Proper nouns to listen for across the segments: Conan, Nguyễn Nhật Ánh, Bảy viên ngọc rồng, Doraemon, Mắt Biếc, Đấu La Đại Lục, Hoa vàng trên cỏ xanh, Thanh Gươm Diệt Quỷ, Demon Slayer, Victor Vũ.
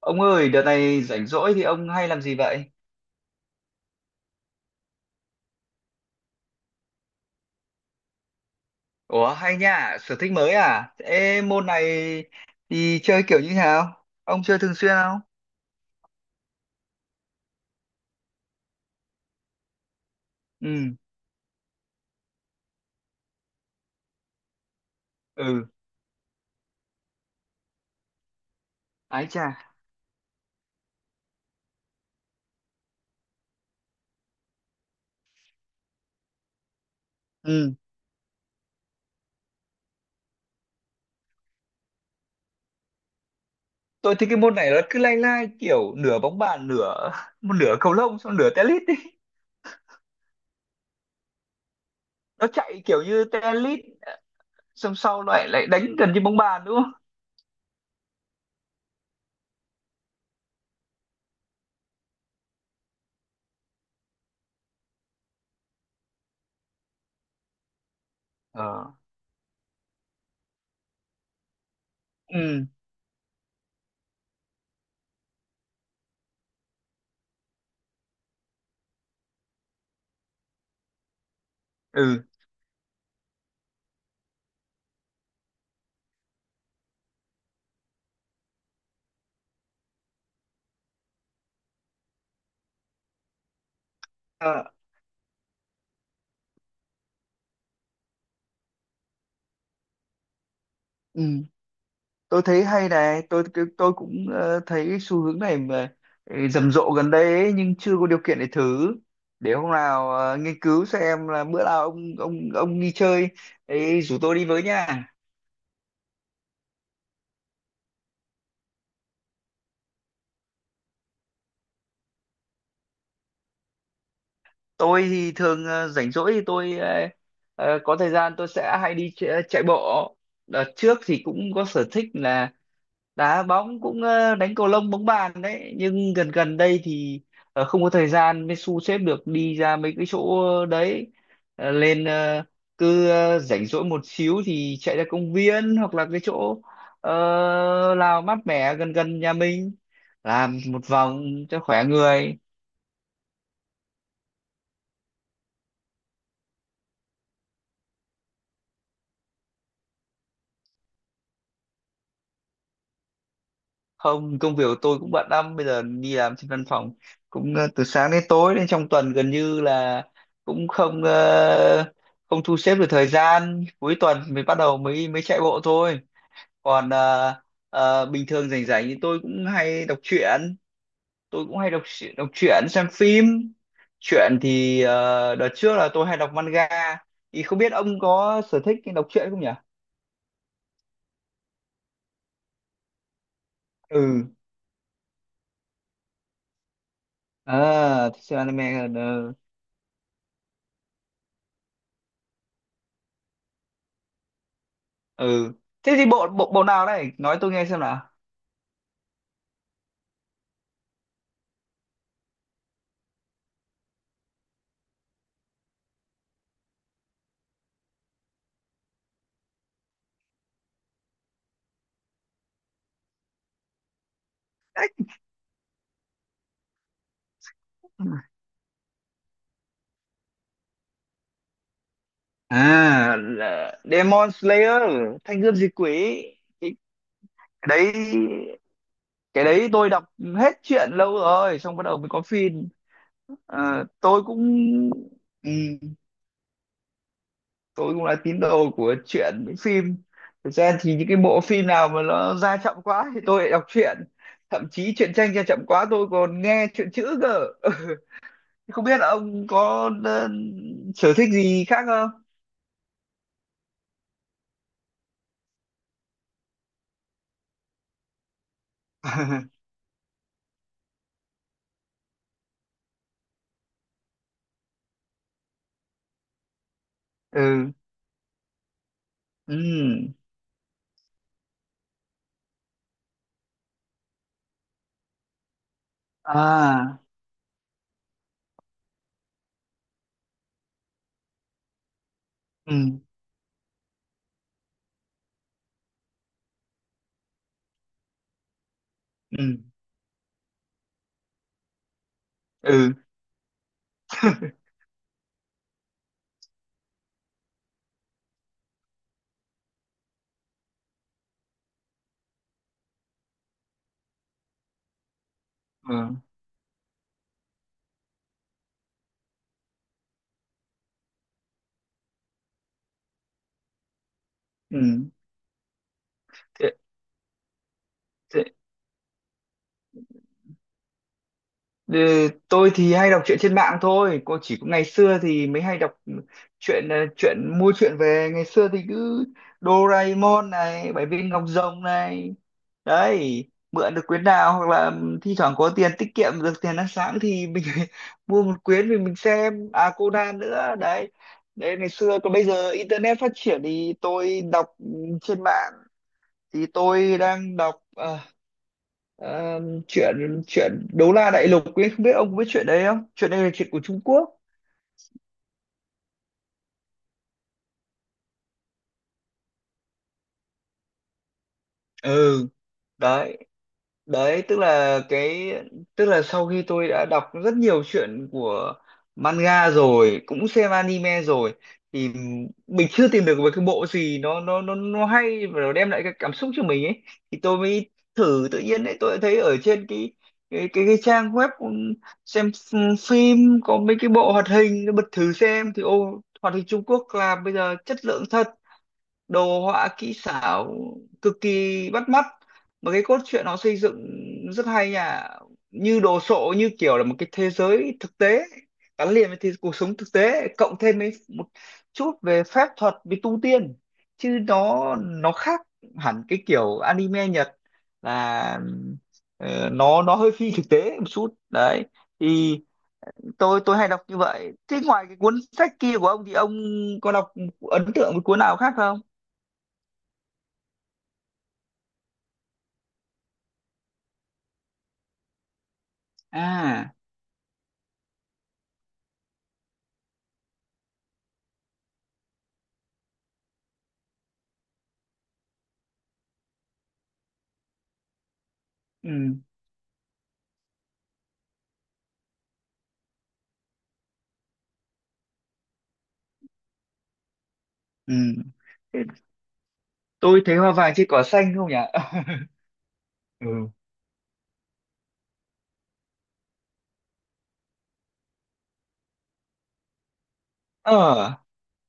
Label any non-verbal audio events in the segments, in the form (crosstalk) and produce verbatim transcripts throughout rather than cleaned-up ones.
Ông ơi, đợt này rảnh rỗi thì ông hay làm gì vậy? Ủa, hay nha, sở thích mới à? Ê, môn này thì chơi kiểu như thế nào? Ông chơi thường xuyên không? Ừ, ừ, ái chà. Ừ, tôi thấy cái môn này nó cứ lai lai kiểu nửa bóng bàn, nửa một nửa cầu lông, xong nửa tennis đi. Nó chạy kiểu như tennis, xong sau lại lại đánh gần như bóng bàn đúng không? Ờ. Ừ, ừ. Ờ. Ừ. Tôi thấy hay này, tôi tôi cũng ờ, thấy xu hướng này mà ừ, rầm rộ gần đây ấy, nhưng chưa có điều kiện để thử, để hôm nào ờ, nghiên cứu xem là bữa nào ông ông ông đi chơi ấy, rủ tôi đi với nha. Tôi thì thường ờ, rảnh rỗi thì tôi ờ, ờ, có thời gian tôi sẽ hay đi chạy, chạy bộ. Đợt trước thì cũng có sở thích là đá bóng, cũng ờ, đánh cầu lông, bóng bàn đấy, nhưng gần gần đây thì ờ, không có thời gian mới xu xếp được đi ra mấy cái chỗ đấy. Ờ, lên ờ, cứ ờ, rảnh rỗi một xíu thì chạy ra công viên hoặc là cái chỗ ờ, nào mát mẻ gần gần nhà mình, làm một vòng cho khỏe người. Không, công việc của tôi cũng bận lắm, bây giờ đi làm trên văn phòng cũng ờ, từ sáng đến tối nên trong tuần gần như là cũng không ờ, không thu xếp được thời gian, cuối tuần mới bắt đầu mới mới chạy bộ thôi. Còn ờ, ờ, bình thường rảnh rảnh thì tôi cũng hay đọc truyện, tôi cũng hay đọc truyện- đọc truyện, xem phim. Truyện thì ờ, đợt trước là tôi hay đọc manga, thì không biết ông có sở thích đọc truyện không nhỉ? Ừ, à thích xem anime hơn ờ. Ừ, thế thì bộ bộ bộ nào đây nói tôi nghe xem nào? Đấy, à là Demon Slayer. Thanh Gươm Diệt Quỷ. Cái cái đấy cái đấy tôi đọc hết truyện lâu rồi, xong bắt đầu mới có phim. Ờ, tôi cũng ừ, tôi cũng là tín đồ của truyện với phim. Thực ra thì những cái bộ phim nào mà nó ra chậm quá thì tôi lại đọc truyện, thậm chí truyện tranh ra chậm quá tôi còn nghe truyện chữ cơ. (laughs) Không biết là ông có ờ, sở thích gì khác không? (laughs) Ừ, ừ, à, ừ, ừ, ừ. (laughs) Ừ, ừ. thế, thế, Ừ, tôi thì hay đọc truyện trên mạng thôi cô, chỉ có ngày xưa thì mới hay đọc truyện ờ, truyện mua, truyện về. Ngày xưa thì cứ Doraemon này, Bảy viên ngọc rồng này, đấy, mượn được quyển nào hoặc là thi thoảng có tiền tiết kiệm được tiền ăn sáng thì mình (laughs) mua một quyển, mình mình xem. À, Conan nữa đấy, đấy ngày xưa. Còn bây giờ internet phát triển thì tôi đọc ừ, trên mạng. Thì tôi đang đọc ờ, Ờ, chuyện, chuyện đấu la đại lục ấy, không biết ông có biết chuyện đấy không, chuyện này là chuyện của Trung Quốc. Ừ, đấy, đấy tức là cái, tức là sau khi tôi đã đọc rất nhiều chuyện của manga rồi, cũng xem anime rồi, thì mình chưa tìm được một cái bộ gì nó nó nó nó hay và nó đem lại cái cảm xúc cho mình ấy. Thì tôi mới thử tự nhiên đấy, tôi đã thấy ở trên cái cái cái, cái trang web xem phim có mấy cái bộ hoạt hình, nó bật thử xem thì ô, hoạt hình Trung Quốc làm bây giờ chất lượng thật, đồ họa kỹ xảo cực kỳ bắt mắt, mà cái cốt truyện nó xây dựng rất hay nha, như đồ sộ như kiểu là một cái thế giới thực tế gắn liền với thế, cuộc sống thực tế, cộng thêm với một chút về phép thuật, về tu tiên, chứ nó nó khác hẳn cái kiểu anime Nhật, là ờ, nó nó hơi phi thực tế một chút đấy. Thì tôi tôi hay đọc như vậy. Thế ngoài cái cuốn sách kia của ông thì ông có đọc, ấn tượng với cuốn nào khác không? À, ừ, ừ. Thế tôi thấy hoa vàng trên cỏ xanh không nhỉ? (laughs) Ừ, ờ,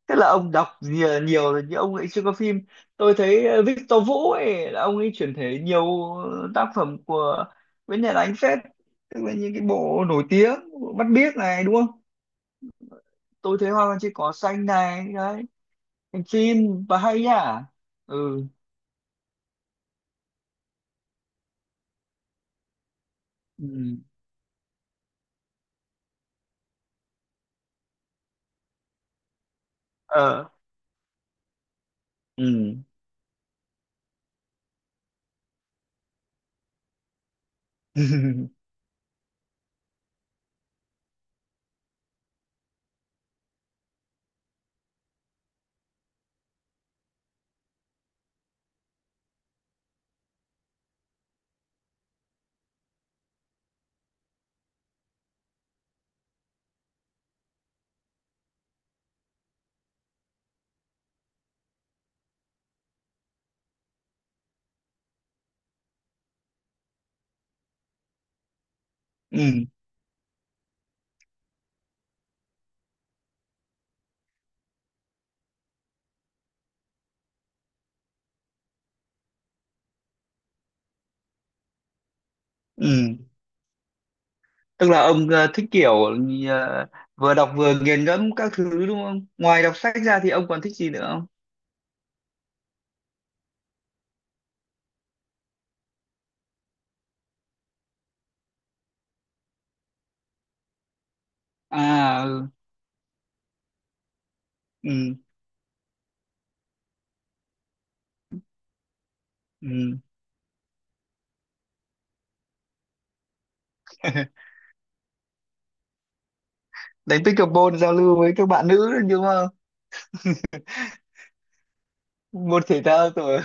thế là ông đọc nhiều, nhiều rồi nhưng ông ấy chưa có phim. Tôi thấy ờ, Victor Vũ ấy, là ông ấy chuyển thể nhiều tác phẩm của Nguyễn Nhật Ánh phết, tức là những cái bộ nổi tiếng, bộ Mắt Biếc này đúng không, tôi thấy hoa vàng trên cỏ xanh này đấy, thành phim và hay nhá. Ừ, ừ, ờ, ừ. (laughs) Ừ, ừ, tức là ông ờ, thích kiểu ờ, vừa đọc vừa nghiền ngẫm các thứ đúng không? Ngoài đọc sách ra thì ông còn thích gì nữa không? À, ừ, ừ, ừ. (laughs) Đánh pickleball giao lưu với các bạn nữ đúng không, môn thể thao rồi.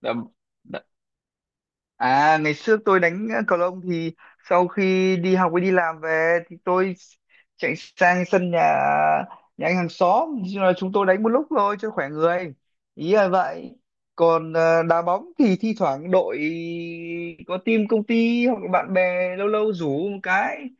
Đó. À ngày xưa tôi đánh ờ, cầu lông thì sau khi đi học với đi làm về thì tôi chạy sang sân nhà, nhà anh hàng xóm Chứ, là chúng tôi đánh một lúc thôi cho khỏe người, ý là vậy. Còn ờ, đá bóng thì thi thoảng đội có team công ty hoặc là bạn bè lâu lâu rủ một cái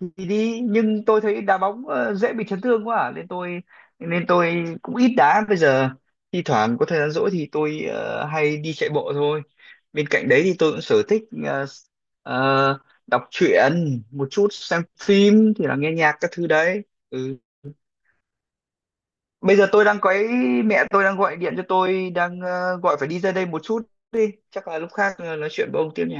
thì đi, nhưng tôi thấy đá bóng ờ, dễ bị chấn thương quá à, nên tôi nên tôi cũng ít đá bây giờ. Thi thoảng có thời gian rỗi thì tôi ờ, hay đi chạy bộ thôi. Bên cạnh đấy thì tôi cũng sở thích ờ, ờ, đọc truyện một chút, xem phim thì là nghe nhạc các thứ đấy. Ừ. Bây giờ tôi đang có ý, mẹ tôi đang gọi điện cho tôi, đang ờ, gọi phải đi ra đây một chút, đi chắc là lúc khác ờ, nói chuyện với ông tiếp nhỉ.